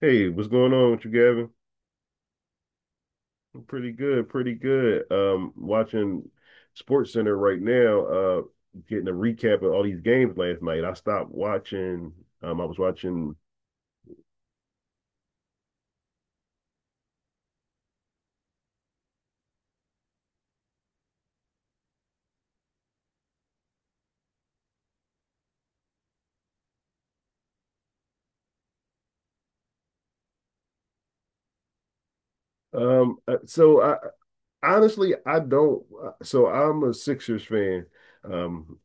Hey, what's going on with you, Gavin? I'm pretty good, pretty good. Watching Sports Center right now, getting a recap of all these games last night. I stopped watching. I was watching. So I honestly, I don't. So I'm a Sixers fan. Um,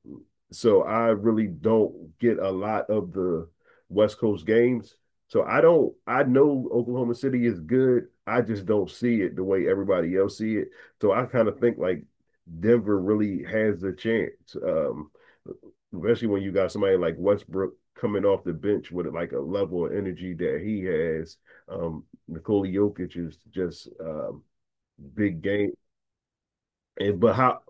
so I really don't get a lot of the West Coast games. So I don't. I know Oklahoma City is good. I just don't see it the way everybody else see it. So I kind of think like Denver really has a chance. Especially when you got somebody like Westbrook coming off the bench with like a level of energy that he has. Nikola Jokic is just big game. and but how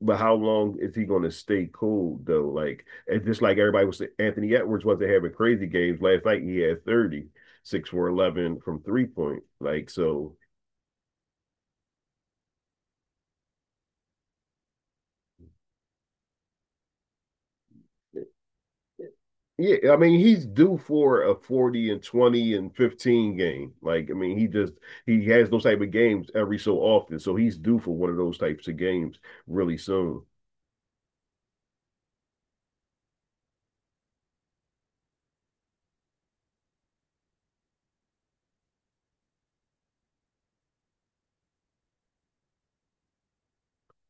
but how long is he going to stay cool though? Like it's just like everybody was saying, Anthony Edwards wasn't having crazy games last night. He had 36 for 11 from 3-point. Like so, yeah. I mean, he's due for a 40 and 20 and 15 game. Like I mean, he has those type of games every so often. So he's due for one of those types of games really soon.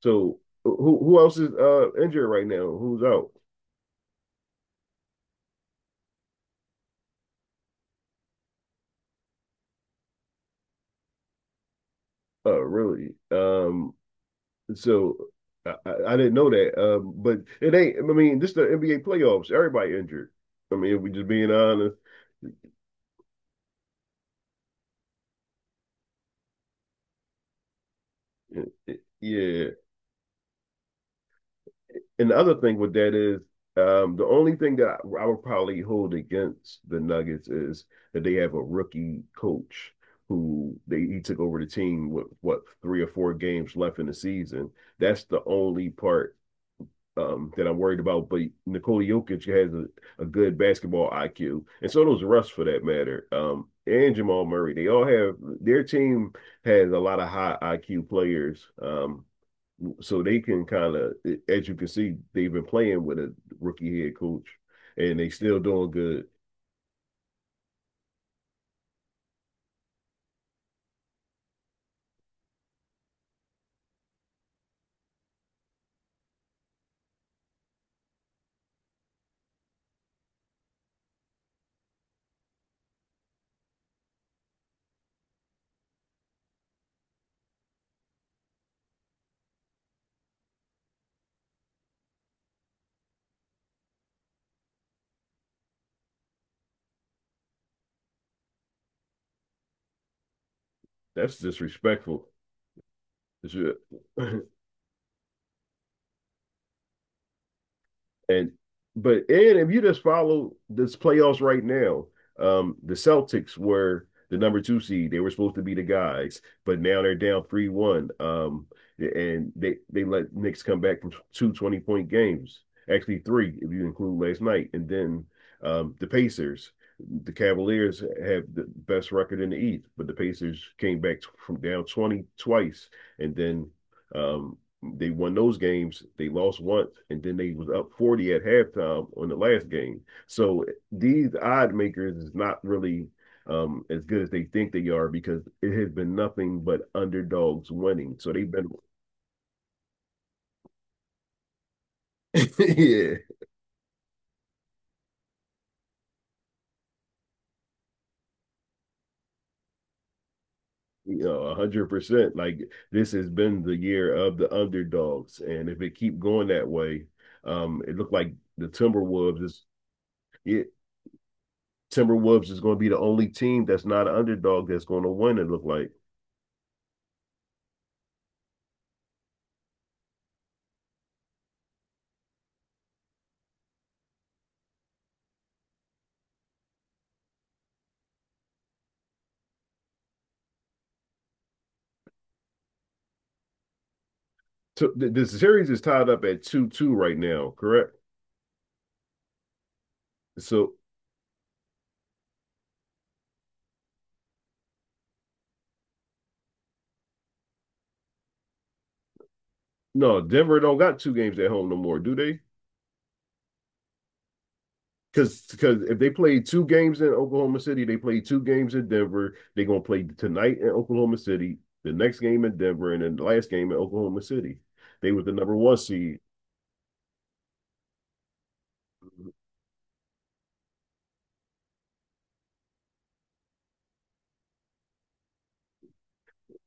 So who else is injured right now? Who's out? Really? So I didn't know that. But it ain't. I mean, this is the NBA playoffs. Everybody injured. I mean, if we just being honest, yeah. And the other thing with that is, the only thing that I would probably hold against the Nuggets is that they have a rookie coach who they he took over the team with what three or four games left in the season. That's the only part that I'm worried about. But Nikola Jokic has a good basketball IQ, and so does Russ for that matter. And Jamal Murray, they all have their team has a lot of high IQ players. So they can kind of, as you can see, they've been playing with a rookie head coach, and they still doing good. That's disrespectful. And and if you just follow this playoffs right now, the Celtics were the number two seed. They were supposed to be the guys, but now they're down 3-1. And they let Knicks come back from two 20-point games, actually three if you include last night, and then the Pacers. The Cavaliers have the best record in the East, but the Pacers came back from down 20 twice, and then um, they won those games. They lost once, and then they was up 40 at halftime on the last game. So these odd makers is not really as good as they think they are because it has been nothing but underdogs winning. So yeah, 100%. Like this has been the year of the underdogs, and if it keep going that way, it looked like the Timberwolves is it. Timberwolves is going to be the only team that's not an underdog that's going to win. It looked like. Two, th- Series is tied up at 2-2 right now, correct? So no, Denver don't got two games at home no more, do they? Because if they played two games in Oklahoma City, they played two games in Denver. They're gonna play tonight in Oklahoma City, the next game in Denver, and then the last game in Oklahoma City. They were the number one seed.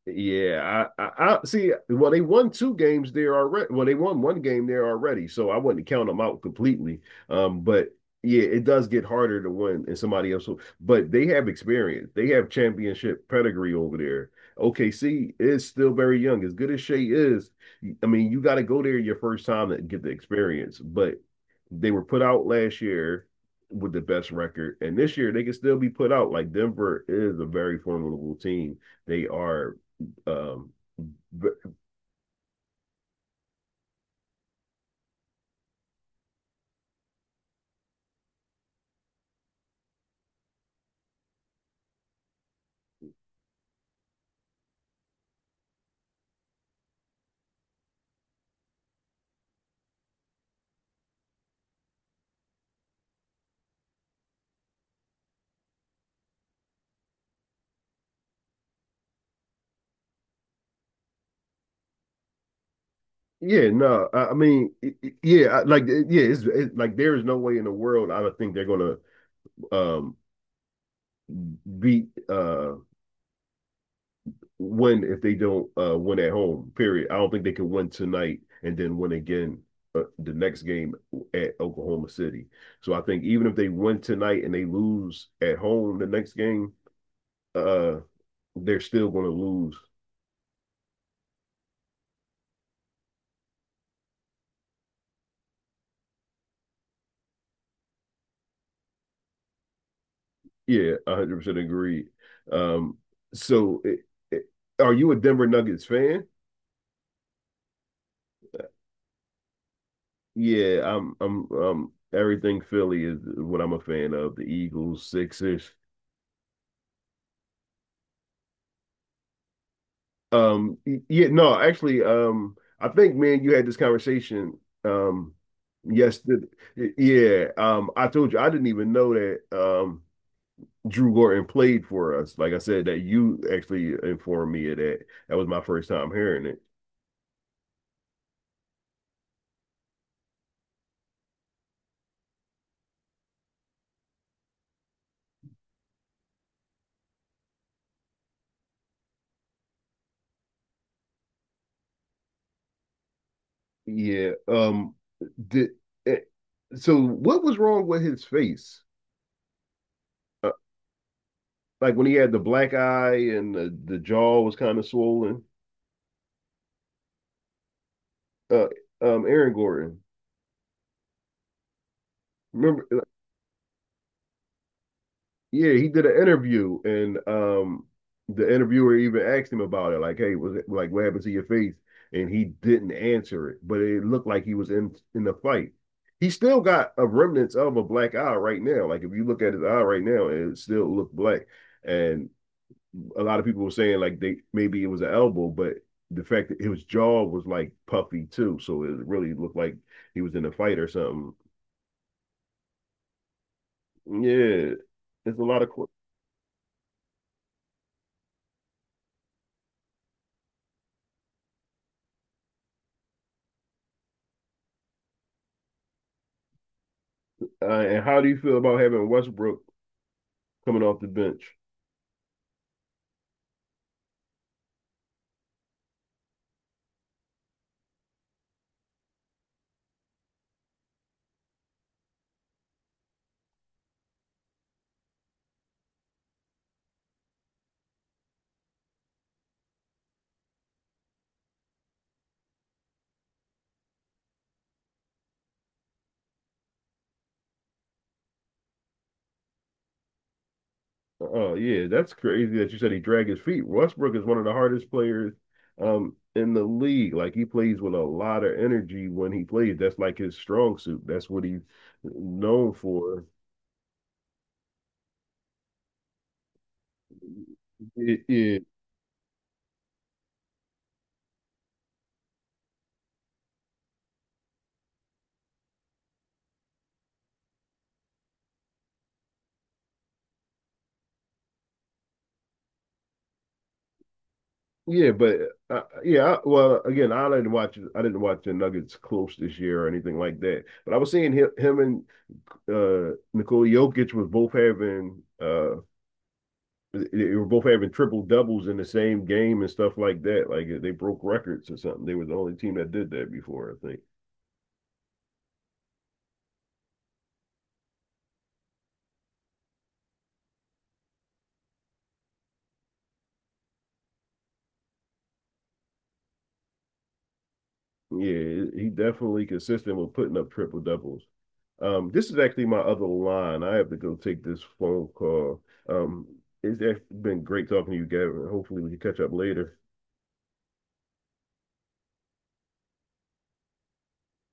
Yeah, I see. Well, they won two games there already. Well, they won one game there already, so I wouldn't count them out completely. But yeah, it does get harder to win in somebody else. But they have experience. They have championship pedigree over there. OKC is still very young. As good as Shea is, I mean, you got to go there your first time to get the experience. But they were put out last year with the best record, and this year they can still be put out. Like Denver is a very formidable team. They are, um, but yeah, no, I mean, yeah, like yeah, like there is no way in the world I don't think they're gonna um beat win if they don't win at home. Period. I don't think they can win tonight and then win again the next game at Oklahoma City. So I think even if they win tonight and they lose at home the next game, uh they're still going to lose. Yeah, 100% agreed. Um so it, are you a Denver Nuggets fan? Yeah, I'm everything Philly is what I'm a fan of, the Eagles, Sixers. Um yeah, no, actually I think, man, you had this conversation um yesterday. Yeah, I told you I didn't even know that Drew Gordon played for us. Like I said, that you actually informed me of that. That was my first time hearing it. Yeah. Did it, so? What was wrong with his face? Uh, like when he had the black eye and the jaw was kind of swollen. Uh. Aaron Gordon. Remember? Yeah. He did an interview, and the interviewer even asked him about it. Like, hey, was it like what happened to your face? And he didn't answer it, but it looked like he was in the fight. He still got a remnants of a black eye right now. Like if you look at his eye right now, it still look black, and a lot of people were saying like they maybe it was an elbow, but the fact that his jaw was like puffy too, so it really looked like he was in a fight or something. Yeah, it's a lot of. Uh, and how do you feel about having Westbrook coming off the bench? Oh, yeah, that's crazy that you said he dragged his feet. Westbrook is one of the hardest players in the league. Like he plays with a lot of energy when he plays. That's like his strong suit. That's what he's known for. Yeah, yeah, but yeah, well, again, I didn't watch the Nuggets close this year or anything like that. But I was seeing him and Nikola Jokic was both having they were both having triple doubles in the same game and stuff like that. Like they broke records or something. They were the only team that did that before, I think. Yeah, he definitely consistent with putting up triple doubles. This is actually my other line. I have to go take this phone call. Um, it's actually been great talking to you, Gavin. Hopefully we can catch up later.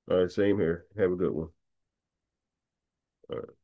All right, same here. Have a good one. All right.